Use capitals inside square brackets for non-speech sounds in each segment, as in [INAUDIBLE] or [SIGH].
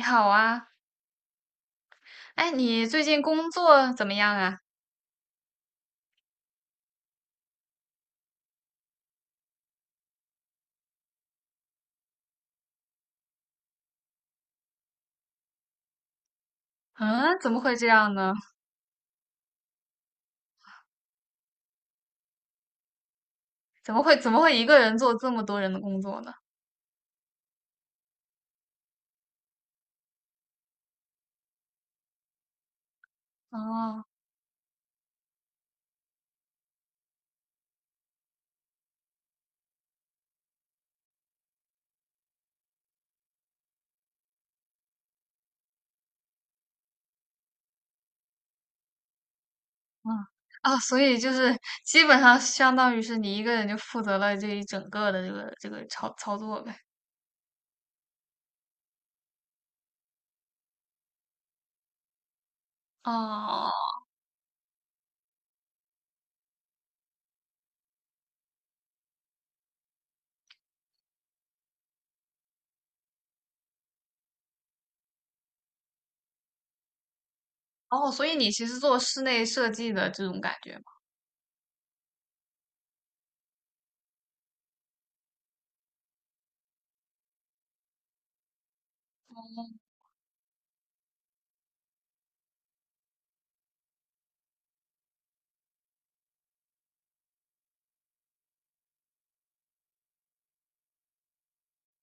你好啊，哎，你最近工作怎么样啊？嗯，怎么会这样呢？怎么会一个人做这么多人的工作呢？哦，嗯，哦，所以就是基本上相当于是你一个人就负责了这一整个的这个操作呗。哦哦，所以你其实做室内设计的这种感觉吗？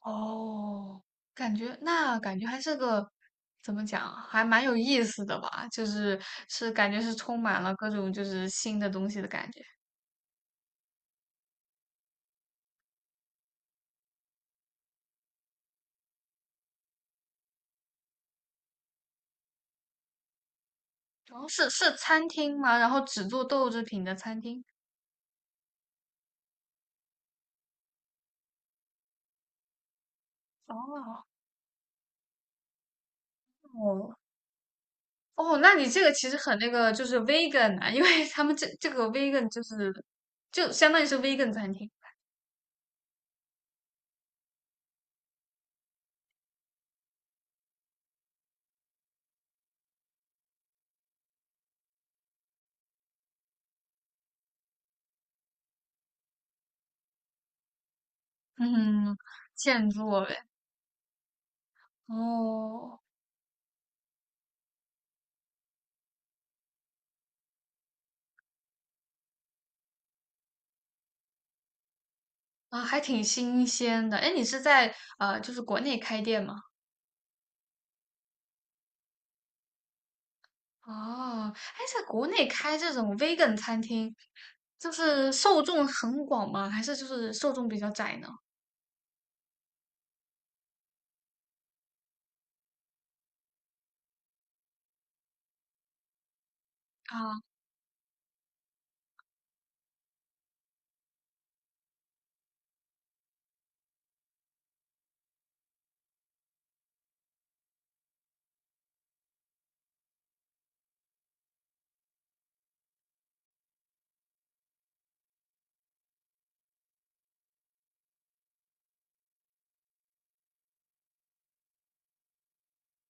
哦，感觉还是个怎么讲啊，还蛮有意思的吧？就是是感觉是充满了各种就是新的东西的感觉。哦，是餐厅吗？然后只做豆制品的餐厅。哦哦哦，那你这个其实很那个，就是 vegan 啊，因为他们这个 vegan 就是就相当于是 vegan 餐厅，嗯，现做呗。哦啊，还挺新鲜的。哎，你是在就是国内开店吗？哦，哎，在国内开这种 vegan 餐厅，就是受众很广吗？还是就是受众比较窄呢？啊，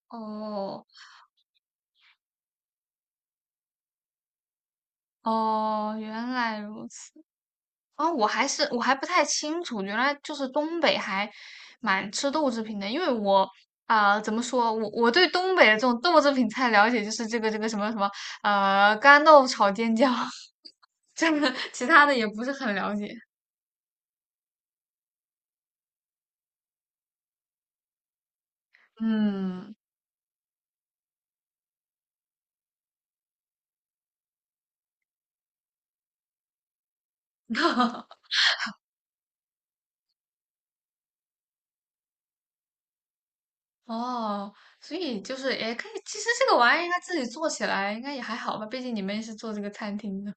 哦，哦，原来如此。哦，我还不太清楚，原来就是东北还蛮吃豆制品的，因为我啊、怎么说，我对东北的这种豆制品菜了解就是这个什么什么干豆炒尖椒，[LAUGHS] 这个其他的也不是很了解。嗯，[LAUGHS] 哦，所以就是也可以，其实这个玩意儿应该自己做起来应该也还好吧，毕竟你们也是做这个餐厅的。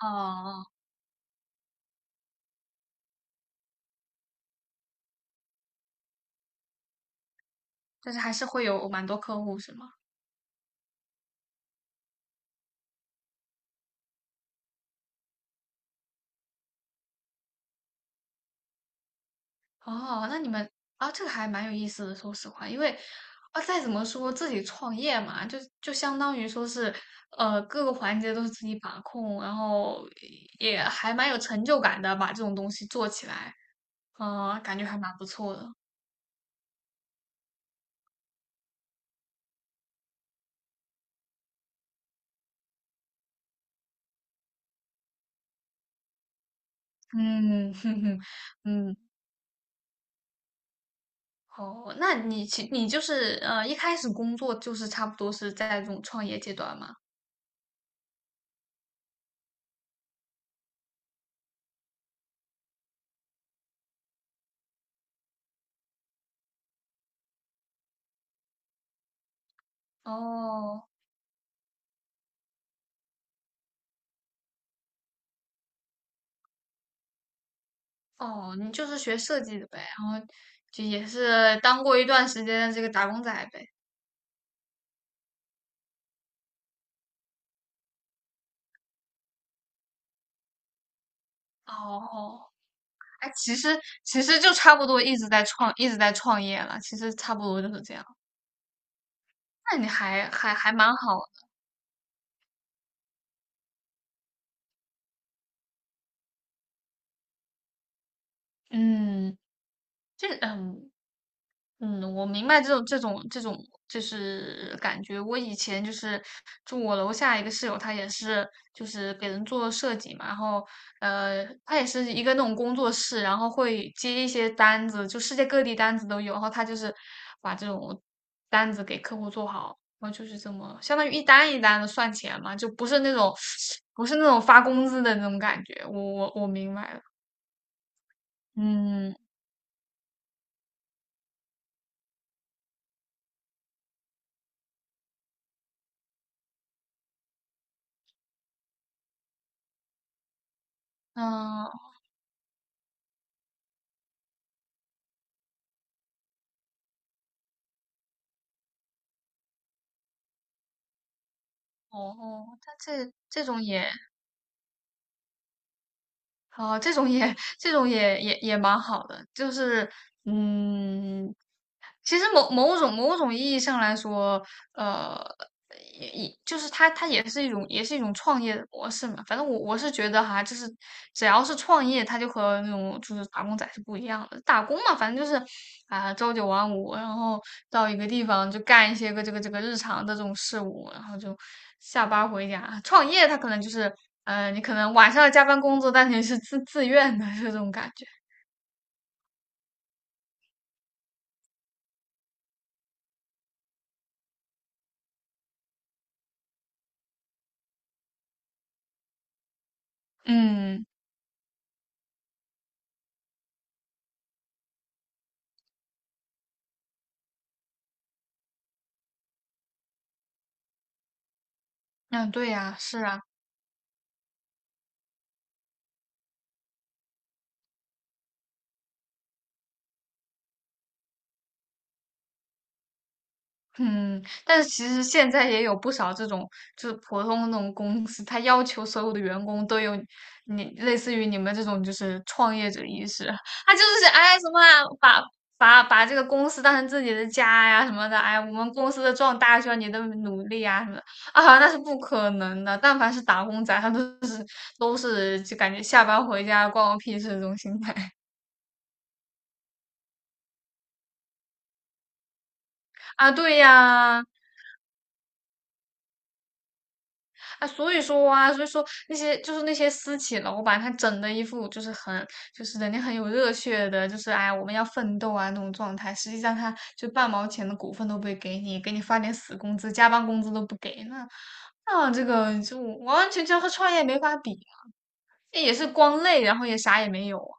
哦，但是还是会有蛮多客户是吗？哦，那你们啊，这个还蛮有意思的。说实话，因为啊，再怎么说自己创业嘛，就相当于说是，呃，各个环节都是自己把控，然后也还蛮有成就感的，把这种东西做起来，啊，感觉还蛮不错的。嗯，[LAUGHS] 哼哼，嗯，好，那你就是一开始工作就是差不多是在这种创业阶段嘛？哦，哦，你就是学设计的呗，然后就也是当过一段时间的这个打工仔呗。哦，哎，其实其实就差不多一直在创业了，其实差不多就是这样。那你还蛮好的嗯，就是嗯，我明白这种就是感觉。我以前就是住我楼下一个室友，他也是就是给人做设计嘛，然后他也是一个那种工作室，然后会接一些单子，就世界各地单子都有，然后他就是把这种单子给客户做好，然后就是这么相当于一单一单的算钱嘛，就不是那种 [SUCKS TEETH] 不是那种发工资的那种感觉。我明白了，嗯嗯、哦哦，他这这种也。好，这种也蛮好的，就是嗯，其实某种某种意义上来说，呃，也就是它，它也是一种，也是一种创业的模式嘛。反正我是觉得哈，就是只要是创业，它就和那种就是打工仔是不一样的。打工嘛，反正就是啊，朝九晚五，然后到一个地方就干一些个这个日常的这种事务，然后就下班回家。创业它可能就是，呃，你可能晚上要加班工作，但是你是自愿的，是这种感觉。嗯，嗯，对呀，是啊。嗯，但是其实现在也有不少这种，就是普通的那种公司，他要求所有的员工都有你类似于你们这种就是创业者意识，他就是哎什么啊把把这个公司当成自己的家呀什么的，哎我们公司的壮大需要你的努力啊什么的啊，那是不可能的。但凡是打工仔，他都是就感觉下班回家关我屁事这种心态啊，对呀。啊，所以说啊，所以说那些就是那些私企老板，他整的一副就是很就是人家很有热血的，就是哎呀我们要奋斗啊那种状态。实际上他就半毛钱的股份都不会给你，给你发点死工资，加班工资都不给，那这个就完完全全和创业没法比，这也是光累，然后也啥也没有啊。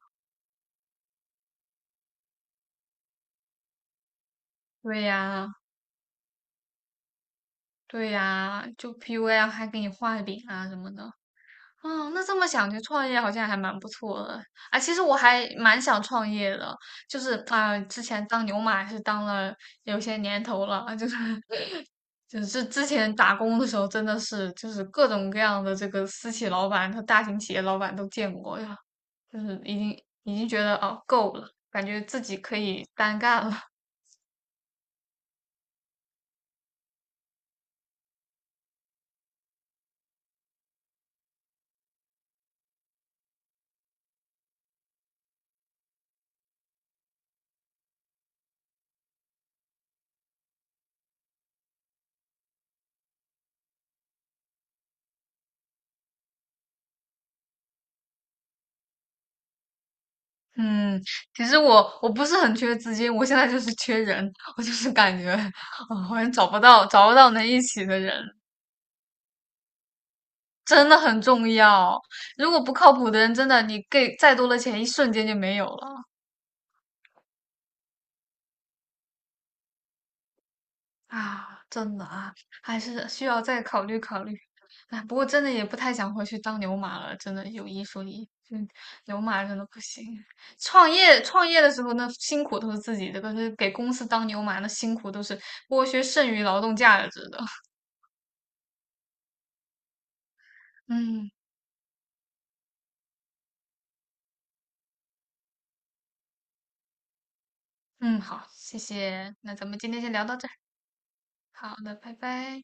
对呀，对呀，就 PUA 啊还给你画饼啊什么的。哦，那这么想，就创业好像还蛮不错的。啊，其实我还蛮想创业的，就是啊、之前当牛马是当了有些年头了，就是 [LAUGHS] 就是之前打工的时候，真的是就是各种各样的这个私企老板和大型企业老板都见过呀，就是已经觉得哦够了，感觉自己可以单干了。[LAUGHS] 嗯，其实我不是很缺资金，我现在就是缺人，我就是感觉，啊、好像找不到能一起的人。真的很重要。如果不靠谱的人，真的你给再多的钱，一瞬间就没有了啊！真的啊，还是需要再考虑考虑。哎，不过真的也不太想回去当牛马了，真的有一说一，嗯，牛马真的不行。创业的时候呢，辛苦都是自己的，可是给公司当牛马，那辛苦都是剥削剩余劳动价值的。嗯嗯，好，谢谢。那咱们今天先聊到这儿，好的，拜拜。